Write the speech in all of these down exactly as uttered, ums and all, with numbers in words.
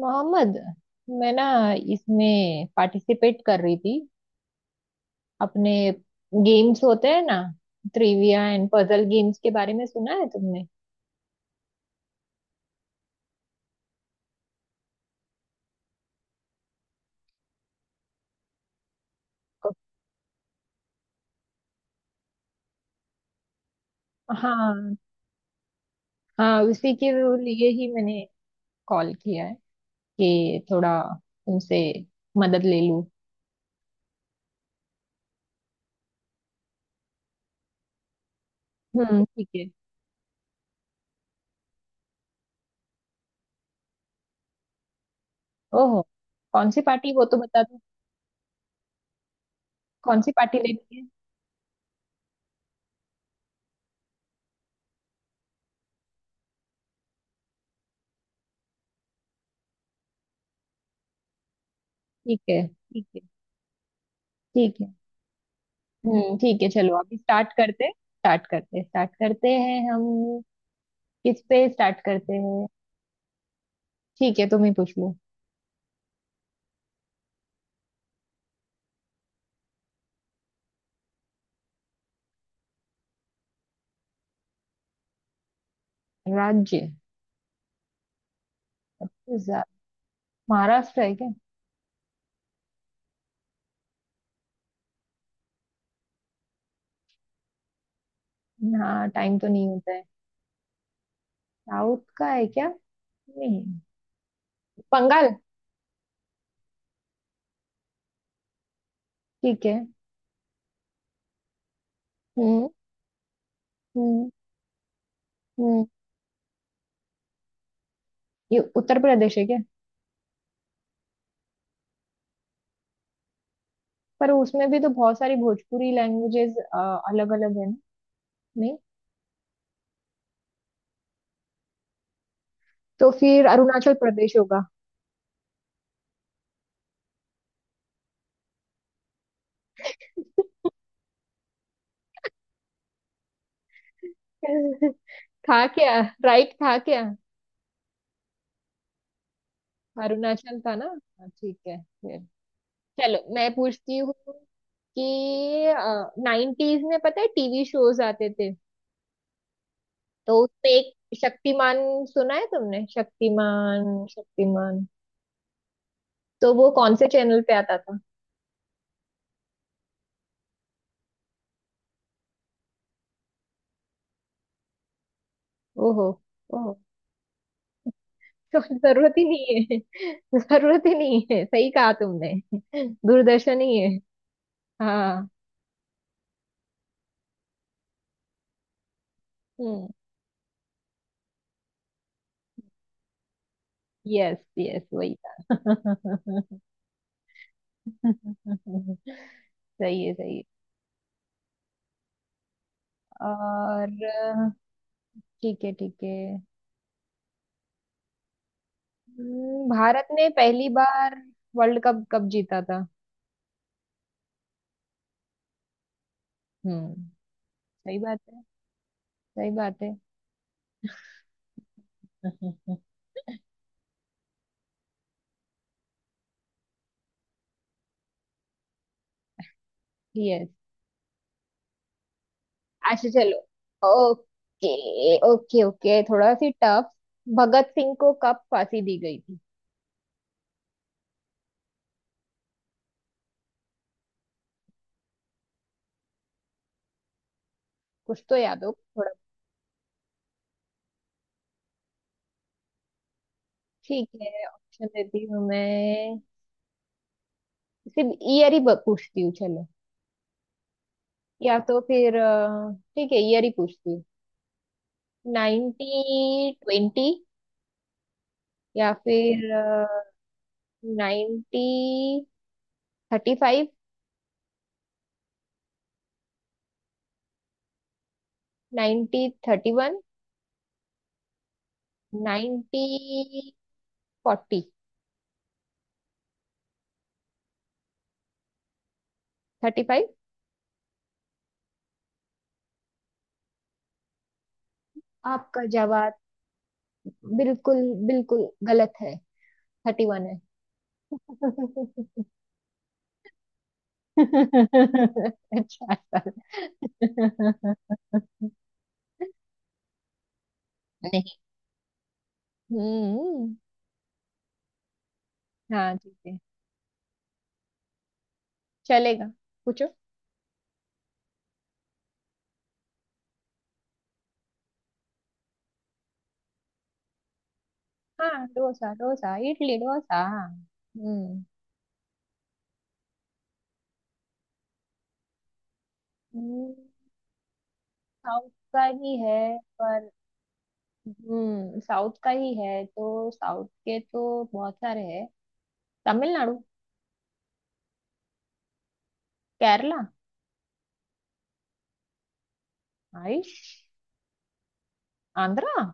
मोहम्मद, मैं ना इसमें पार्टिसिपेट कर रही थी। अपने गेम्स होते हैं ना, ट्रिविया एंड पजल गेम्स के बारे में सुना है तुमने? हाँ हाँ, उसी के लिए ही मैंने कॉल किया है कि थोड़ा तुमसे मदद ले लूँ। हम्म, ठीक है। ओहो, कौन सी पार्टी? वो तो बता दो, कौन सी पार्टी लेनी है? ठीक है, ठीक है, ठीक है। हम्म, ठीक है चलो, अभी स्टार्ट करते स्टार्ट करते स्टार्ट करते हैं हम। किस पे स्टार्ट करते हैं? ठीक है, तुम ही पूछ लो। राज्य? जा- महाराष्ट्र है क्या? हाँ, टाइम तो नहीं होता है। साउथ का है क्या? नहीं। बंगाल? ठीक है। हम्म, हम्म, हम्म। ये उत्तर प्रदेश है क्या? पर उसमें भी तो बहुत सारी भोजपुरी लैंग्वेजेस अलग अलग है ना? नहीं। तो फिर अरुणाचल प्रदेश होगा। था क्या? राइट था क्या? अरुणाचल था ना? हाँ, ठीक है फिर। चलो मैं पूछती हूँ कि नाइन्टीज में पता है टीवी शोज आते थे, तो उसमें एक शक्तिमान, सुना है तुमने? शक्तिमान शक्तिमान, तो वो कौन से चैनल पे आता था? ओहो, ओहो, तो जरूरत ही नहीं है। जरूरत ही नहीं है, सही कहा तुमने। दूरदर्शन ही है। हाँ। हम्म, यस यस, वही था। सही है, सही है। और अ, ठीक है, ठीक है। हम्म, भारत ने पहली बार वर्ल्ड कप कब जीता था? हम्म, सही बात है, सही बात है। यस। अच्छा चलो, ओके, ओके, ओके, थोड़ा सी टफ। भगत सिंह को कब फांसी दी गई थी? कुछ तो याद हो थोड़ा। ठीक है, ऑप्शन देती हूँ मैं। सिर्फ ईयर ही ब- पूछती हूँ चलो। या तो फिर अ, ठीक है, ईयर ही पूछती हूँ। नाइनटी ट्वेंटी, या फिर ninety thirty five, ninety thirty one, ninety forty. Thirty five आपका जवाब? बिल्कुल, बिल्कुल गलत है, थर्टी वन है। अच्छा सर। नहीं। हम्म। हाँ ठीक है, चलेगा, पूछो। हाँ, डोसा डोसा, इडली डोसा। हम्म। हम्म, साउथ का ही है, पर हम्म, साउथ का ही है तो साउथ के तो बहुत सारे हैं। तमिलनाडु? केरला? आयुष। आंध्रा?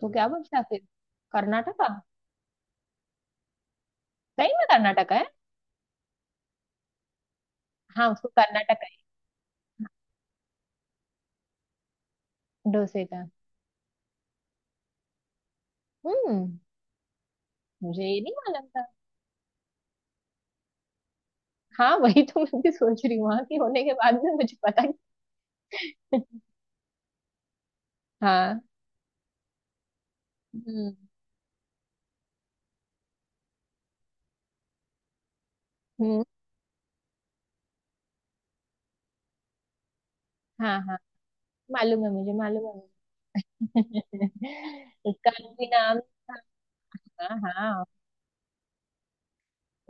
तो क्या बोलते हैं फिर? कर्नाटका? सही में कर्नाटका है? हाँ, उसको कर्नाटका है डोसे का। हम्म। मुझे ये नहीं मालूम था। हाँ वही तो मैं भी सोच रही हूँ वहां की होने के बाद में मुझे पता नहीं। हाँ। हम्म, हम्म। हाँ हाँ, मालूम है मुझे, मालूम है मुझे। उसका असली नाम था। हाँ हाँ,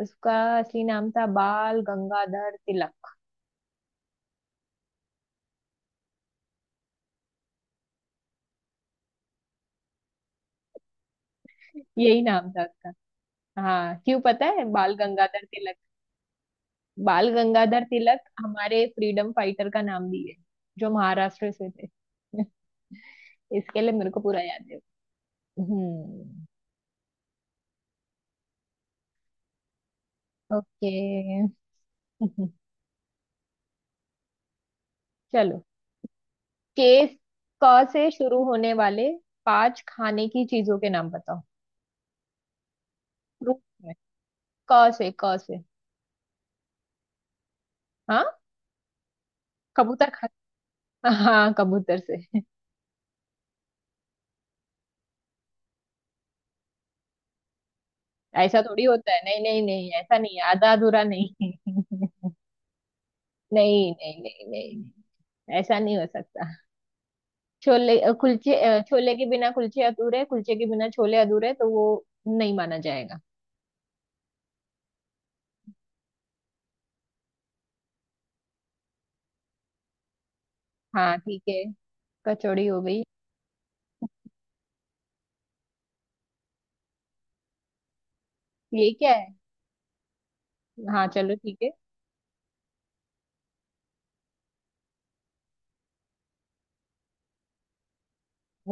उसका असली नाम था बाल गंगाधर तिलक। यही नाम था उसका। हाँ क्यों, पता है बाल गंगाधर तिलक? बाल गंगाधर तिलक हमारे फ्रीडम फाइटर का नाम भी है, जो महाराष्ट्र से थे। इसके लिए मेरे को पूरा याद है। हम्म। ओके। चलो, केस, क से शुरू होने वाले पांच खाने की चीजों के नाम बताओ। Fruits में, क से, क से। हाँ, कबूतर खा? हाँ, कबूतर से? ऐसा थोड़ी होता है, नहीं नहीं नहीं, ऐसा नहीं है, आधा अधूरा नहीं। नहीं नहीं नहीं नहीं नहीं, ऐसा नहीं हो सकता। छोले अ, कुलचे, अ, छोले के बिना कुलचे अधूरे, कुलचे के बिना छोले अधूरे, तो वो नहीं माना जाएगा। हाँ ठीक है, कचौड़ी हो गई। ये क्या है? हाँ चलो ठीक है।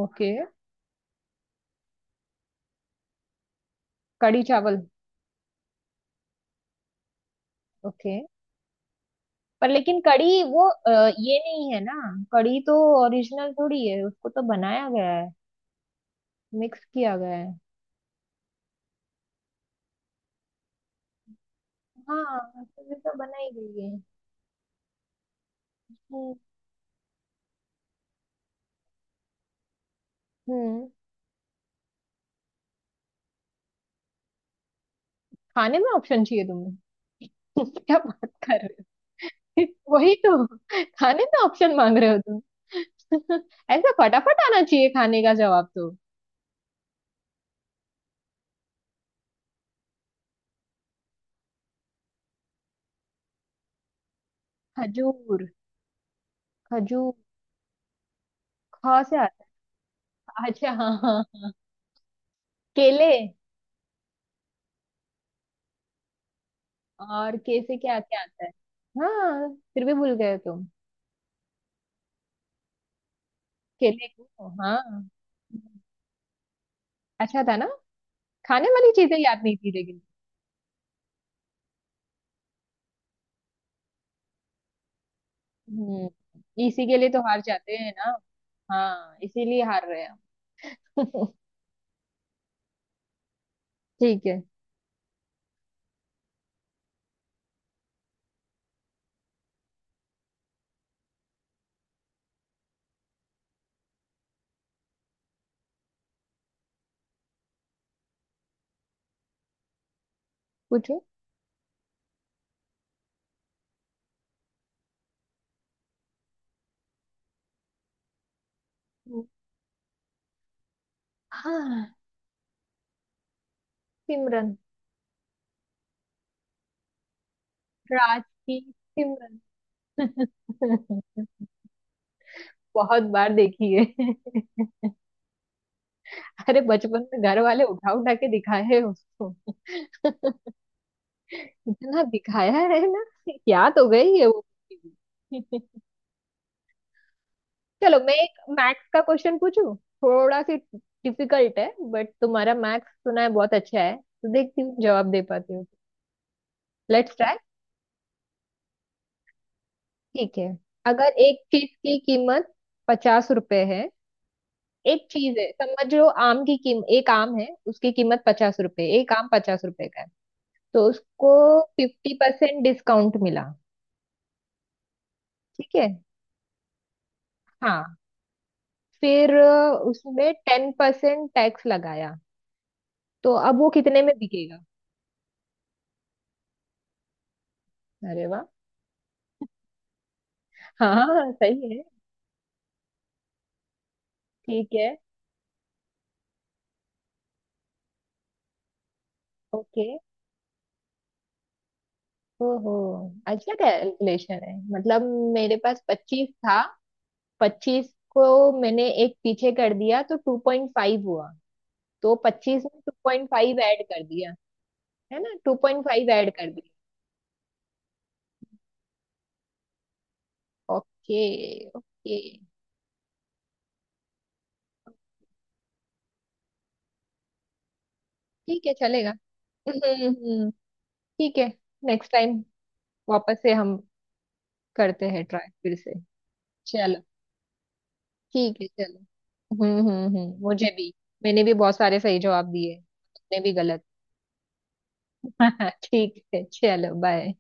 ओके। कढ़ी चावल। ओके, पर लेकिन कढ़ी वो अ, ये नहीं है ना? कढ़ी तो ओरिजिनल थोड़ी है, उसको तो बनाया गया है, मिक्स किया गया है। हाँ तो ये तो बनाई गई है। हम्म। हम्म। खाने में ऑप्शन चाहिए तुम्हें? क्या बात कर रहे हो? वही तो, खाने में ऑप्शन मांग रहे हो तुम। ऐसा फटाफट आना चाहिए खाने का जवाब तो। खजूर, खजूर। ख से आता? अच्छा हाँ हाँ। केले। और के से क्या क्या आता है? हाँ, फिर भी भूल गए तुम केले को। हाँ, अच्छा था ना, खाने वाली चीजें याद नहीं थी लेकिन। हम्म, इसी के लिए तो हार जाते हैं ना। हाँ, इसीलिए हार रहे हैं हम। ठीक है, पूछो। हाँ, सिमरन। राज की सिमरन। बहुत बार देखी है। अरे, बचपन में घर वाले उठा उठा के दिखाए हैं उसको। इतना दिखाया है ना, याद हो गई है वो। चलो मैं एक मैथ्स का क्वेश्चन पूछूं, थोड़ा सी डिफिकल्ट है, बट तुम्हारा मैथ्स सुना है बहुत अच्छा है, तो देखती हूँ जवाब दे पाती हूँ। Let's try. ठीक है, अगर एक चीज की कीमत पचास रुपए है। एक चीज है, समझ लो आम की कीम, एक आम है, उसकी कीमत पचास रुपए, एक आम पचास रुपए का है। तो उसको फिफ्टी परसेंट डिस्काउंट मिला। ठीक है। हाँ, फिर अ, उसमें टेन परसेंट टैक्स लगाया, तो अब वो कितने में बिकेगा? अरे वाह। हाँ हाँ, सही है। ठीक है। ओके, ओहो, अच्छा कैलकुलेशन है मतलब। मेरे पास पच्चीस था, पच्चीस को मैंने एक पीछे कर दिया, तो टू पॉइंट फाइव हुआ। तो पच्चीस में टू पॉइंट फाइव ऐड कर दिया। है ना? टू पॉइंट फाइव ऐड कर दिया। Okay, okay. ठीक है, चलेगा। हम्म, हम्म, हम्म। ठीक है, नेक्स्ट टाइम वापस से हम करते हैं ट्राई फिर से। चलो, ठीक है चलो। हम्म हम्म हम्म, मुझे भी मैंने भी बहुत सारे सही जवाब दिए, तुमने भी गलत। ठीक है, चलो बाय।